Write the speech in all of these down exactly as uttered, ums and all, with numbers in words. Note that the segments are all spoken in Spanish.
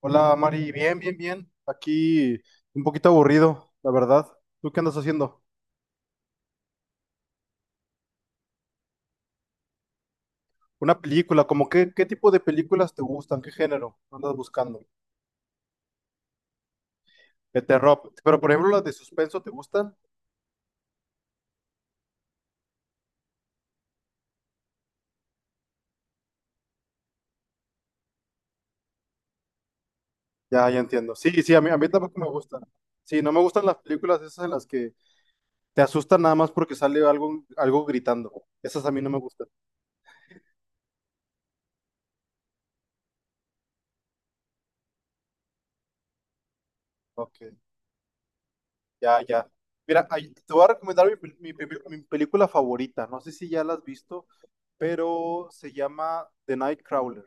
Hola Mari, bien, bien, bien. Aquí un poquito aburrido, la verdad. ¿Tú qué andas haciendo? ¿Una película, como qué, qué tipo de películas te gustan? ¿Qué género andas buscando? De terror. Pero por ejemplo, las de suspenso, ¿te gustan? Ya, ya entiendo. Sí, sí, a mí, a mí tampoco me gustan. Sí, no me gustan las películas esas en las que te asustan nada más porque sale algo, algo gritando. Esas a mí no me gustan. Ok, ya, ya. Mira, ahí- te voy a recomendar mi, pel- mi pe- mi película favorita. No sé si ya la has visto. Pero se llama The Nightcrawler.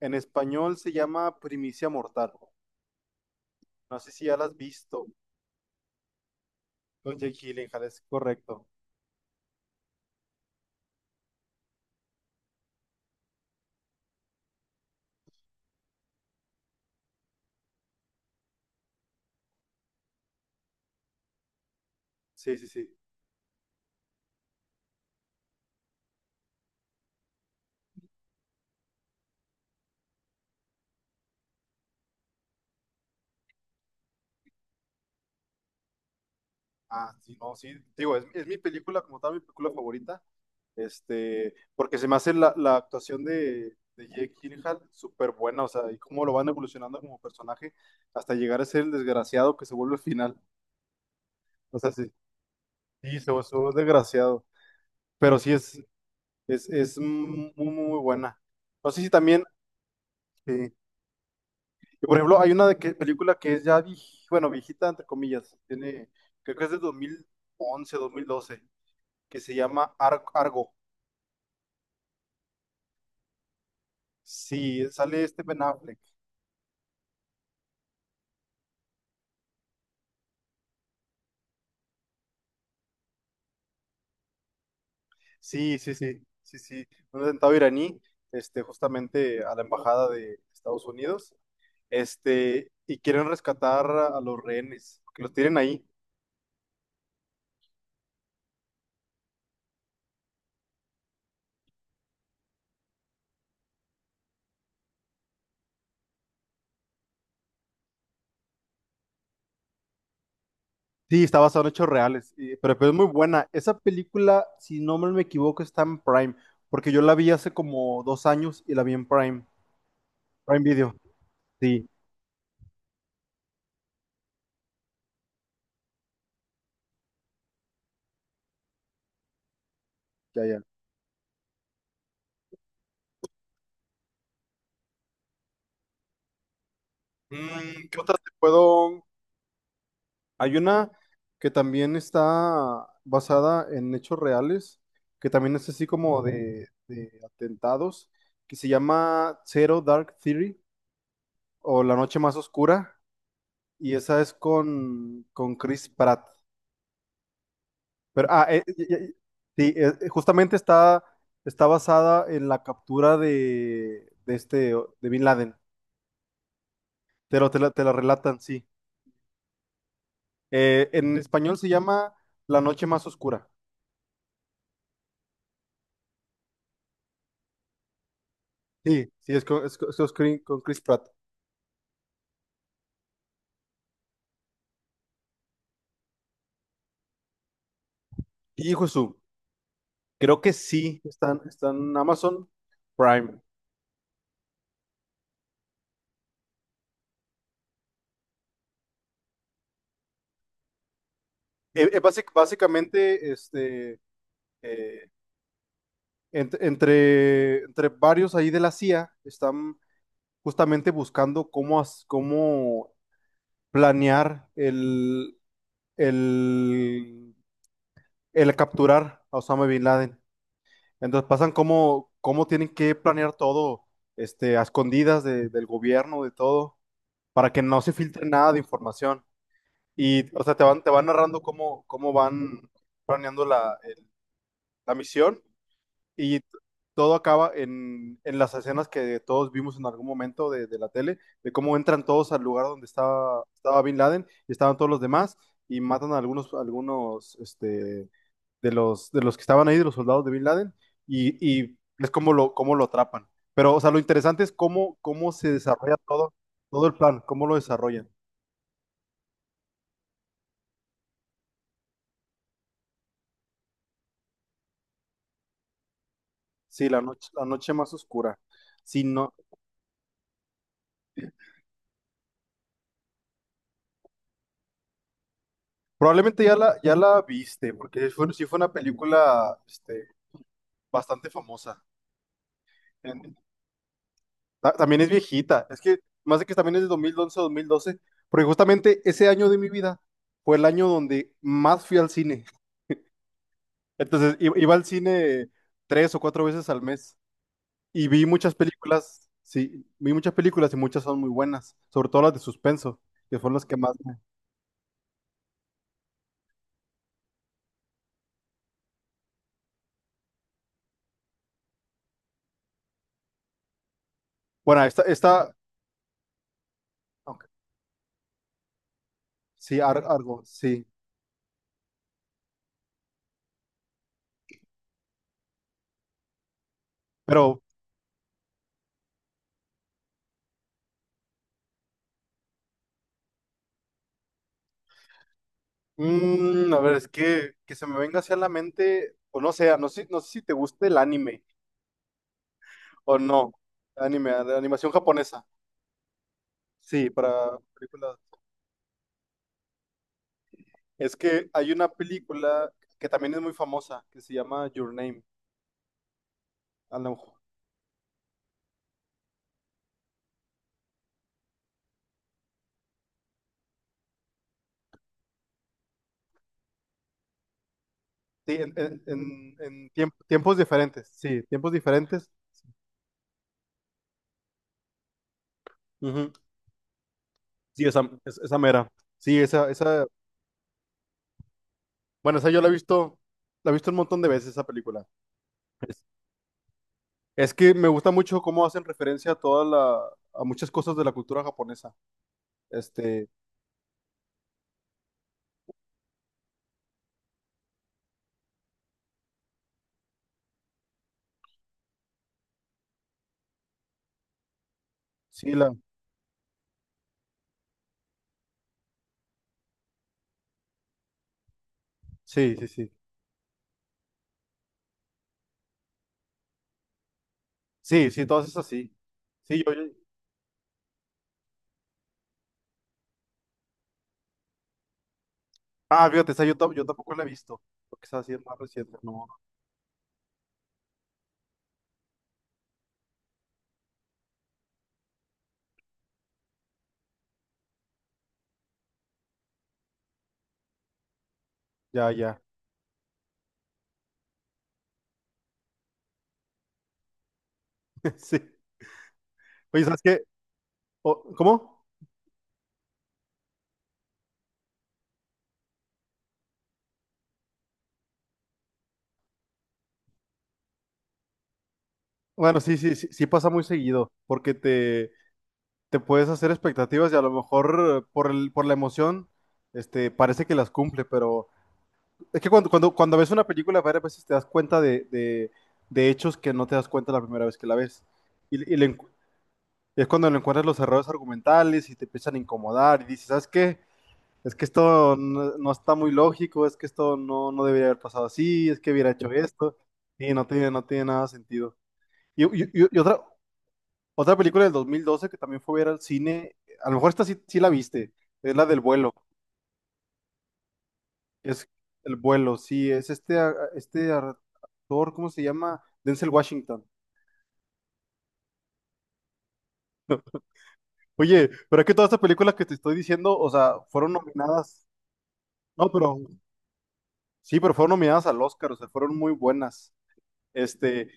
En español se llama Primicia Mortal. No sé si ya la has visto. Con Jake Gyllenhaal, es correcto. Sí, sí, sí. Ah, sí, no, sí. Digo, es, es mi película como tal, mi película favorita. Este, porque se me hace la, la actuación de, de Jake Gyllenhaal súper buena, o sea, y cómo lo van evolucionando como personaje hasta llegar a ser el desgraciado que se vuelve al final. O sea, sí, sí, se volvió desgraciado. Pero sí es, es, es muy, muy, muy buena. No sé si también. Sí. Y por ejemplo, hay una de que, película que es ya, vieji- bueno, viejita, entre comillas, tiene, creo que es de dos mil once, dos mil doce, que se llama Ar- Argo. Sí, eh, sale este Ben Affleck. Sí, sí, sí, sí, sí. Un atentado iraní, este, justamente a la embajada de Estados Unidos, este, y quieren rescatar a, a los rehenes, que los tienen ahí. Sí, está basado en hechos reales, y- pero, pero es muy buena. Esa película, si no me equivoco, está en Prime, porque yo la vi hace como dos años y la vi en Prime, Prime Video. Sí, ya, ya. Mm, ¿qué otra te puedo? Hay una que también está basada en hechos reales, que también es así como de, de atentados, que se llama Zero Dark Theory o La Noche Más Oscura, y esa es con, con Chris Pratt. Pero, ah, eh, eh, eh, sí, eh, eh, justamente está, está basada en la captura de, de este, o- de Bin Laden. Te lo, te la, te la relatan, sí. Eh, en español se llama La noche más oscura. Sí, sí, es con, es con- es con Chris con Chris Pratt. Hijo de su, creo que sí, están, están en Amazon Prime. Eh, eh, basic- básicamente, este, eh, ent- entre, entre varios ahí de la C I A están justamente buscando cómo, as- cómo planear el, el, el capturar a Osama Bin Laden. Entonces pasan cómo, cómo tienen que planear todo, este, a escondidas de- del gobierno, de todo, para que no se filtre nada de información. Y, o sea, te van, te van narrando cómo, cómo van planeando la, eh, la misión. Y t- todo acaba en, en las escenas que todos vimos en algún momento de, de la tele, de cómo entran todos al lugar donde estaba, estaba Bin Laden y estaban todos los demás y matan a algunos, algunos este, de los, de los que estaban ahí, de los soldados de Bin Laden, y, y es como lo, cómo lo atrapan. Pero, o sea, lo interesante es cómo, cómo se desarrolla todo, todo el plan, cómo lo desarrollan. Sí, la noche, la noche más oscura. Sí, no, probablemente ya la, ya la viste, porque fue, sí fue una película, este, bastante famosa. En- ta- También es viejita. Es que más de que también es de dos dos mil once dos mil doce porque justamente ese año de mi vida fue el año donde más fui al cine. Entonces i- iba al cine tres o cuatro veces al mes y vi muchas películas. Sí, vi muchas películas y muchas son muy buenas, sobre todo las de suspenso, que fueron las que más me... Bueno, esta, esta, ok, sí, Ar- Argo, sí, pero mm, a ver, es que que se me venga hacia la mente, o no sé, no sé, no sé si te guste el anime. O no, anime, de animación japonesa. Sí, para películas. Es que hay una película que también es muy famosa, que se llama Your Name. A lo mejor. Sí, en, en- en- en tiemp- tiempos diferentes. Sí, tiempos diferentes. Ujú. Sí, esa, es- esa mera. Sí, esa, esa. Bueno, esa yo la he visto, la he visto un montón de veces esa película. Es, es que me gusta mucho cómo hacen referencia a toda la, a muchas cosas de la cultura japonesa. Este, sí, la, sí, sí, sí. Sí, sí, todas esas sí. Sí, yo, Ah, fíjate, esa yo, tam- yo tampoco la he visto. Porque esa sí es más reciente, no. Ya, ya. Sí. Oye, ¿sabes qué? O- ¿cómo? Bueno, sí, sí, sí, sí pasa muy seguido. Porque te, te puedes hacer expectativas y a lo mejor eh, por el, por la emoción, este, parece que las cumple, pero es que cuando, cuando, cuando ves una película varias veces te das cuenta de, de, de hechos que no te das cuenta la primera vez que la ves. Y, y le encu- es cuando le encuentras los errores argumentales y te empiezan a incomodar y dices, ¿sabes qué? Es que esto no, no está muy lógico, es que esto no, no debería haber pasado así, es que hubiera hecho esto, y no tiene, no tiene nada de sentido. Y, y- y- y otra, otra película del dos mil doce que también fue a ver al cine, a lo mejor esta sí, sí la viste, es la del vuelo, es el vuelo, sí, es este, a- este actor, ¿cómo se llama? Denzel Washington. Oye, pero es que todas estas películas que te estoy diciendo, o sea, fueron nominadas, no, pero sí, pero fueron nominadas al Oscar, o sea, fueron muy buenas. Este,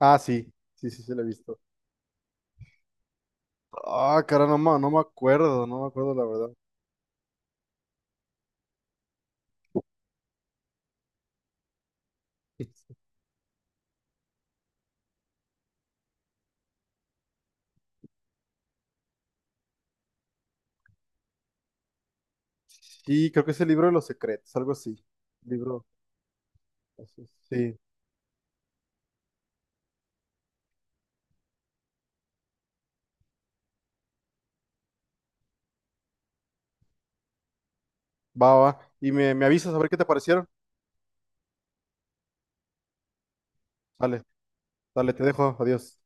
ah, sí, sí, sí, se la he visto. Ah, cara, no, ma- no me acuerdo, no me acuerdo la verdad. Sí, creo que es el libro de los secretos, algo así. Libro, así, sí. Va, va. Y me, me avisas a ver qué te parecieron. Dale, dale, te dejo. Adiós.